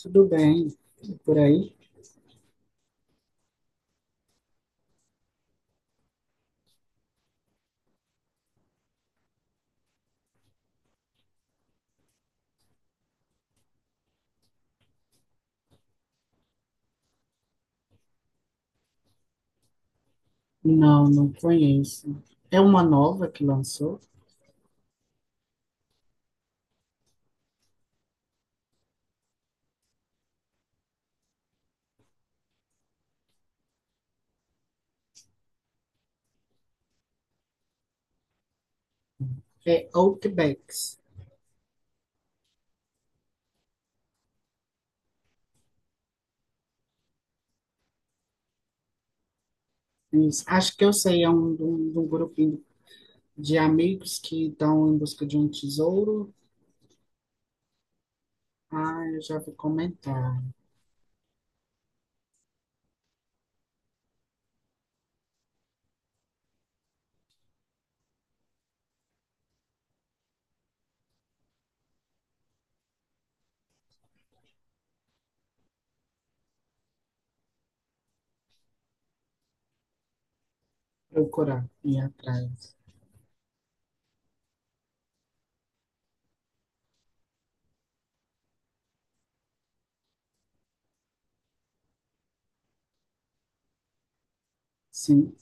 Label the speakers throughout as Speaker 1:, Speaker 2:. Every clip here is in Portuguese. Speaker 1: Tudo bem. Por aí? Não, não conheço. É uma nova que lançou? É Outbacks. Isso. Acho que eu sei, é de um grupinho de amigos que estão em busca de um tesouro. Ah, eu já vi comentar. Procurar, ir atrás. Sim,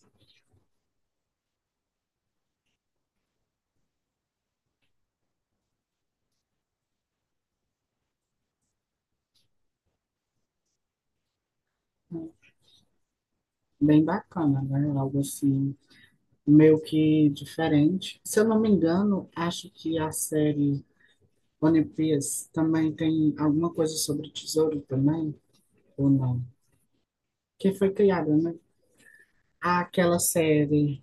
Speaker 1: bem bacana, né? Algo assim, meio que diferente. Se eu não me engano, acho que a série One Piece também tem alguma coisa sobre tesouro também, ou não? Que foi criada, né? Há aquela série,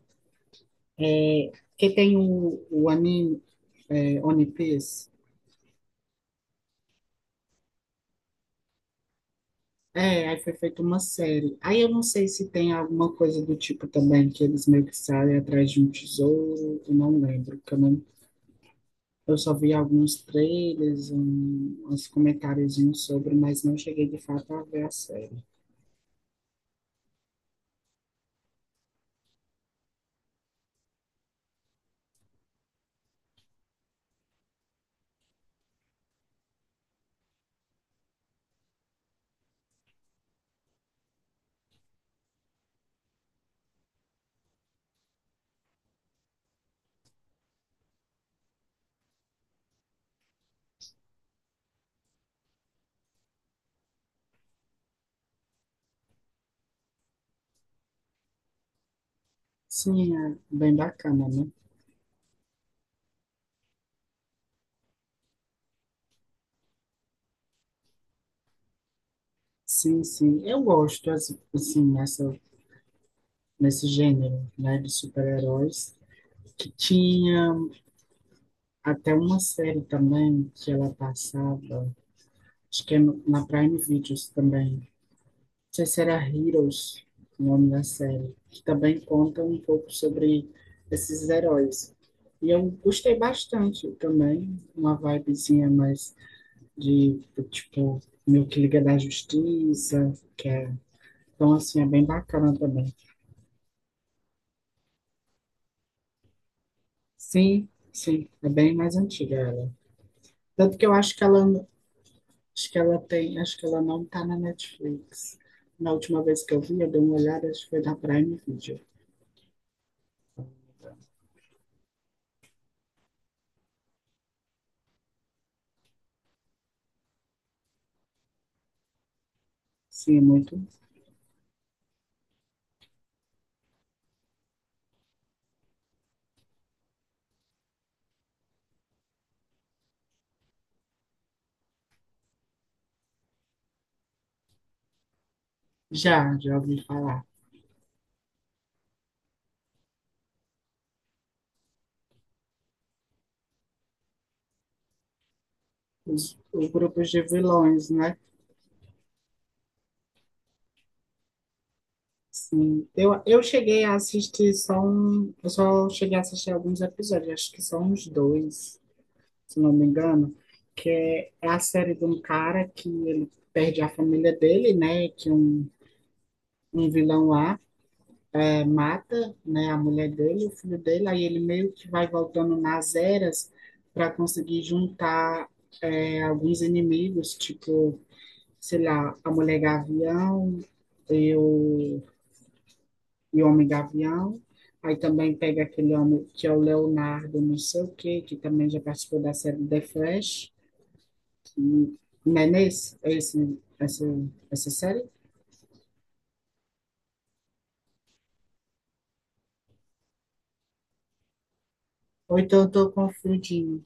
Speaker 1: é, que tem o anime, é, One Piece. É, aí foi feita uma série. Aí eu não sei se tem alguma coisa do tipo também, que eles meio que saem atrás de um tesouro, eu não lembro. Porque eu eu só vi alguns trailers, um, uns comentáriozinhos sobre, mas não cheguei de fato a ver a série. Sim, é bem bacana, né? Sim, sim. Eu gosto, assim, nesse gênero, né, de super-heróis. Que tinha até uma série também que ela passava, acho que é na Prime Videos também. Não sei se era Heroes, o nome da série, que também conta um pouco sobre esses heróis. E eu gostei bastante também, uma vibezinha mais de, tipo, meio que Liga da Justiça, que é... Então, assim, é bem bacana também. Sim, sim, é bem mais antiga ela. Tanto que eu acho que ela acho que ela tem, acho que ela não tá na Netflix. Na última vez que eu vi, eu dei uma olhada, acho que foi na Prime Video. Sim, é muito. Já, já ouvi falar. Os grupos de vilões, né? Sim. Eu cheguei a assistir só um, eu só cheguei a assistir alguns episódios, acho que são uns dois, se não me engano, que é, é a série de um cara que ele perde a família dele, né? Que um vilão lá, é, mata, né, a mulher dele, o filho dele, aí ele meio que vai voltando nas eras para conseguir juntar, é, alguns inimigos, tipo, sei lá, a mulher gavião e o, e o homem gavião. Aí também pega aquele homem que é o Leonardo, não sei o quê, que também já participou da série The Flash. E, não é nesse? É esse, né? Essa série? Ou então eu tô confundindo.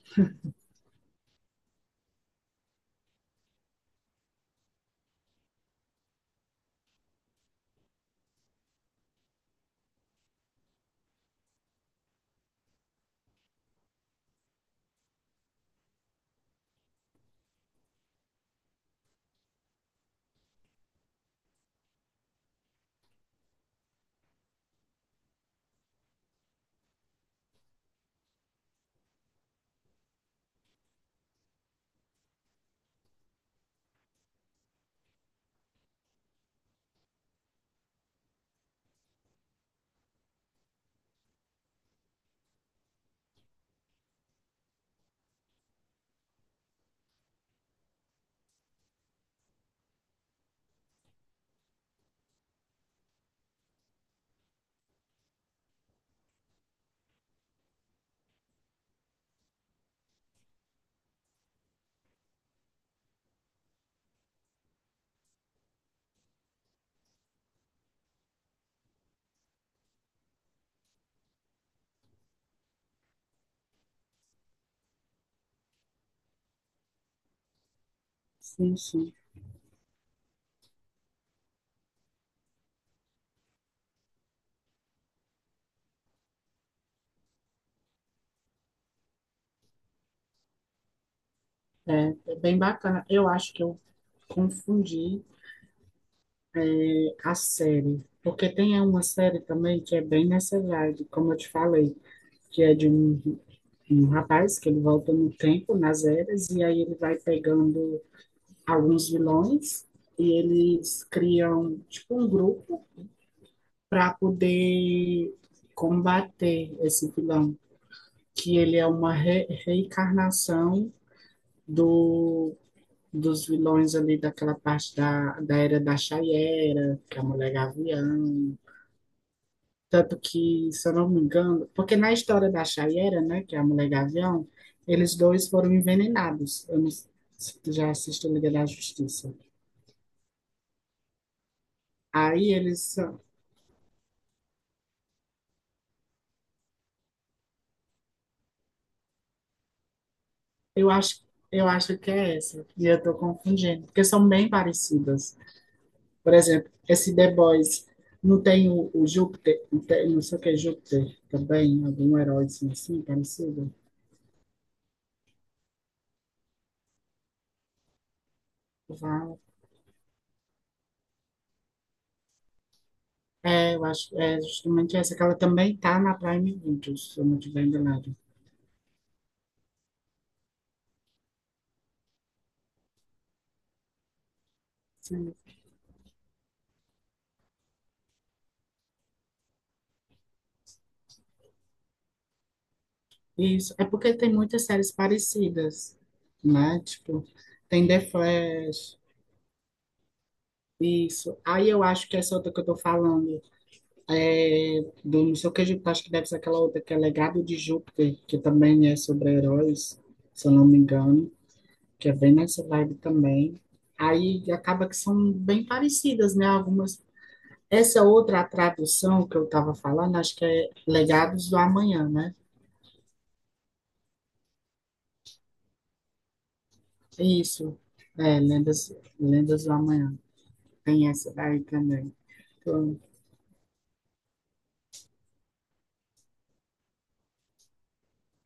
Speaker 1: Sim, sim. É, é bem bacana. Eu acho que eu confundi, é, a série, porque tem uma série também que é bem nessa vibe, como eu te falei, que é de um, um rapaz que ele volta no tempo, nas eras, e aí ele vai pegando alguns vilões e eles criam tipo um grupo para poder combater esse vilão, que ele é uma reencarnação do dos vilões ali daquela parte da era da Chayera, que é a Mulher Gavião. Tanto que, se eu não me engano, porque na história da Chayera, né, que é a Mulher Gavião, eles dois foram envenenados. Eu não, se tu já assistiu Liga da Justiça. Aí eles são, eu acho, eu acho que é essa, e eu tô confundindo, porque são bem parecidas. Por exemplo, esse The Boys não tem o Júpiter, não, não sei o que é Júpiter também, algum herói assim, assim parecido. É, eu acho, é justamente essa, que ela também tá na Prime Videos, se eu não tiver enganado. Sim. Isso, é porque tem muitas séries parecidas, né? Tipo, tem The Flash, isso. Aí eu acho que essa outra que eu tô falando, é do não sei o que, Júpiter, acho que deve ser aquela outra que é Legado de Júpiter, que também é sobre heróis, se eu não me engano, que é bem nessa vibe também. Aí acaba que são bem parecidas, né? Algumas. Essa outra tradução que eu estava falando, acho que é Legados do Amanhã, né? É isso, é, Lendas, Lendas do Amanhã. Tem essa daí também. Então,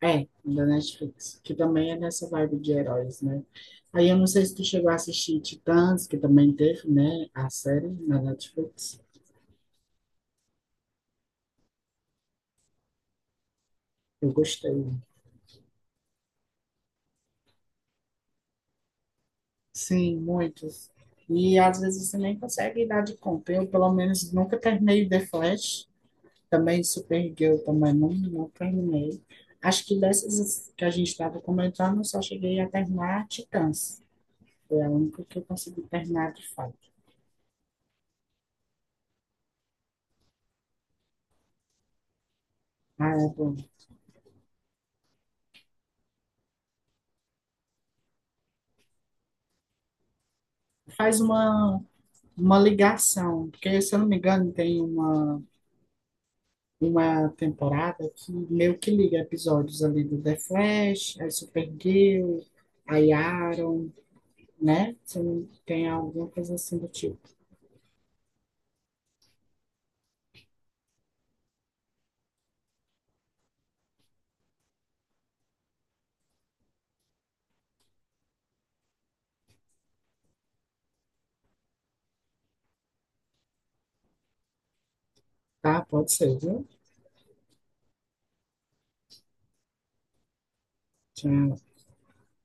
Speaker 1: é, da Netflix, que também é nessa vibe de heróis, né? Aí eu não sei se tu chegou a assistir Titãs, que também teve, né? A série na Netflix. Eu gostei. Sim, muitos. E às vezes você nem consegue dar de conta. Eu, pelo menos, nunca terminei The Flash. Também Supergirl, também não, não terminei. Acho que dessas que a gente estava comentando, eu só cheguei a terminar Titãs. Foi a única que eu consegui terminar de fato. Ah, é bom. Faz uma ligação, porque se eu não me engano, tem uma temporada que meio que liga episódios ali do The Flash, aí Supergirl, a Arrow, né? Se não- Tem alguma coisa assim do tipo. Tá, pode ser, viu? Tchau.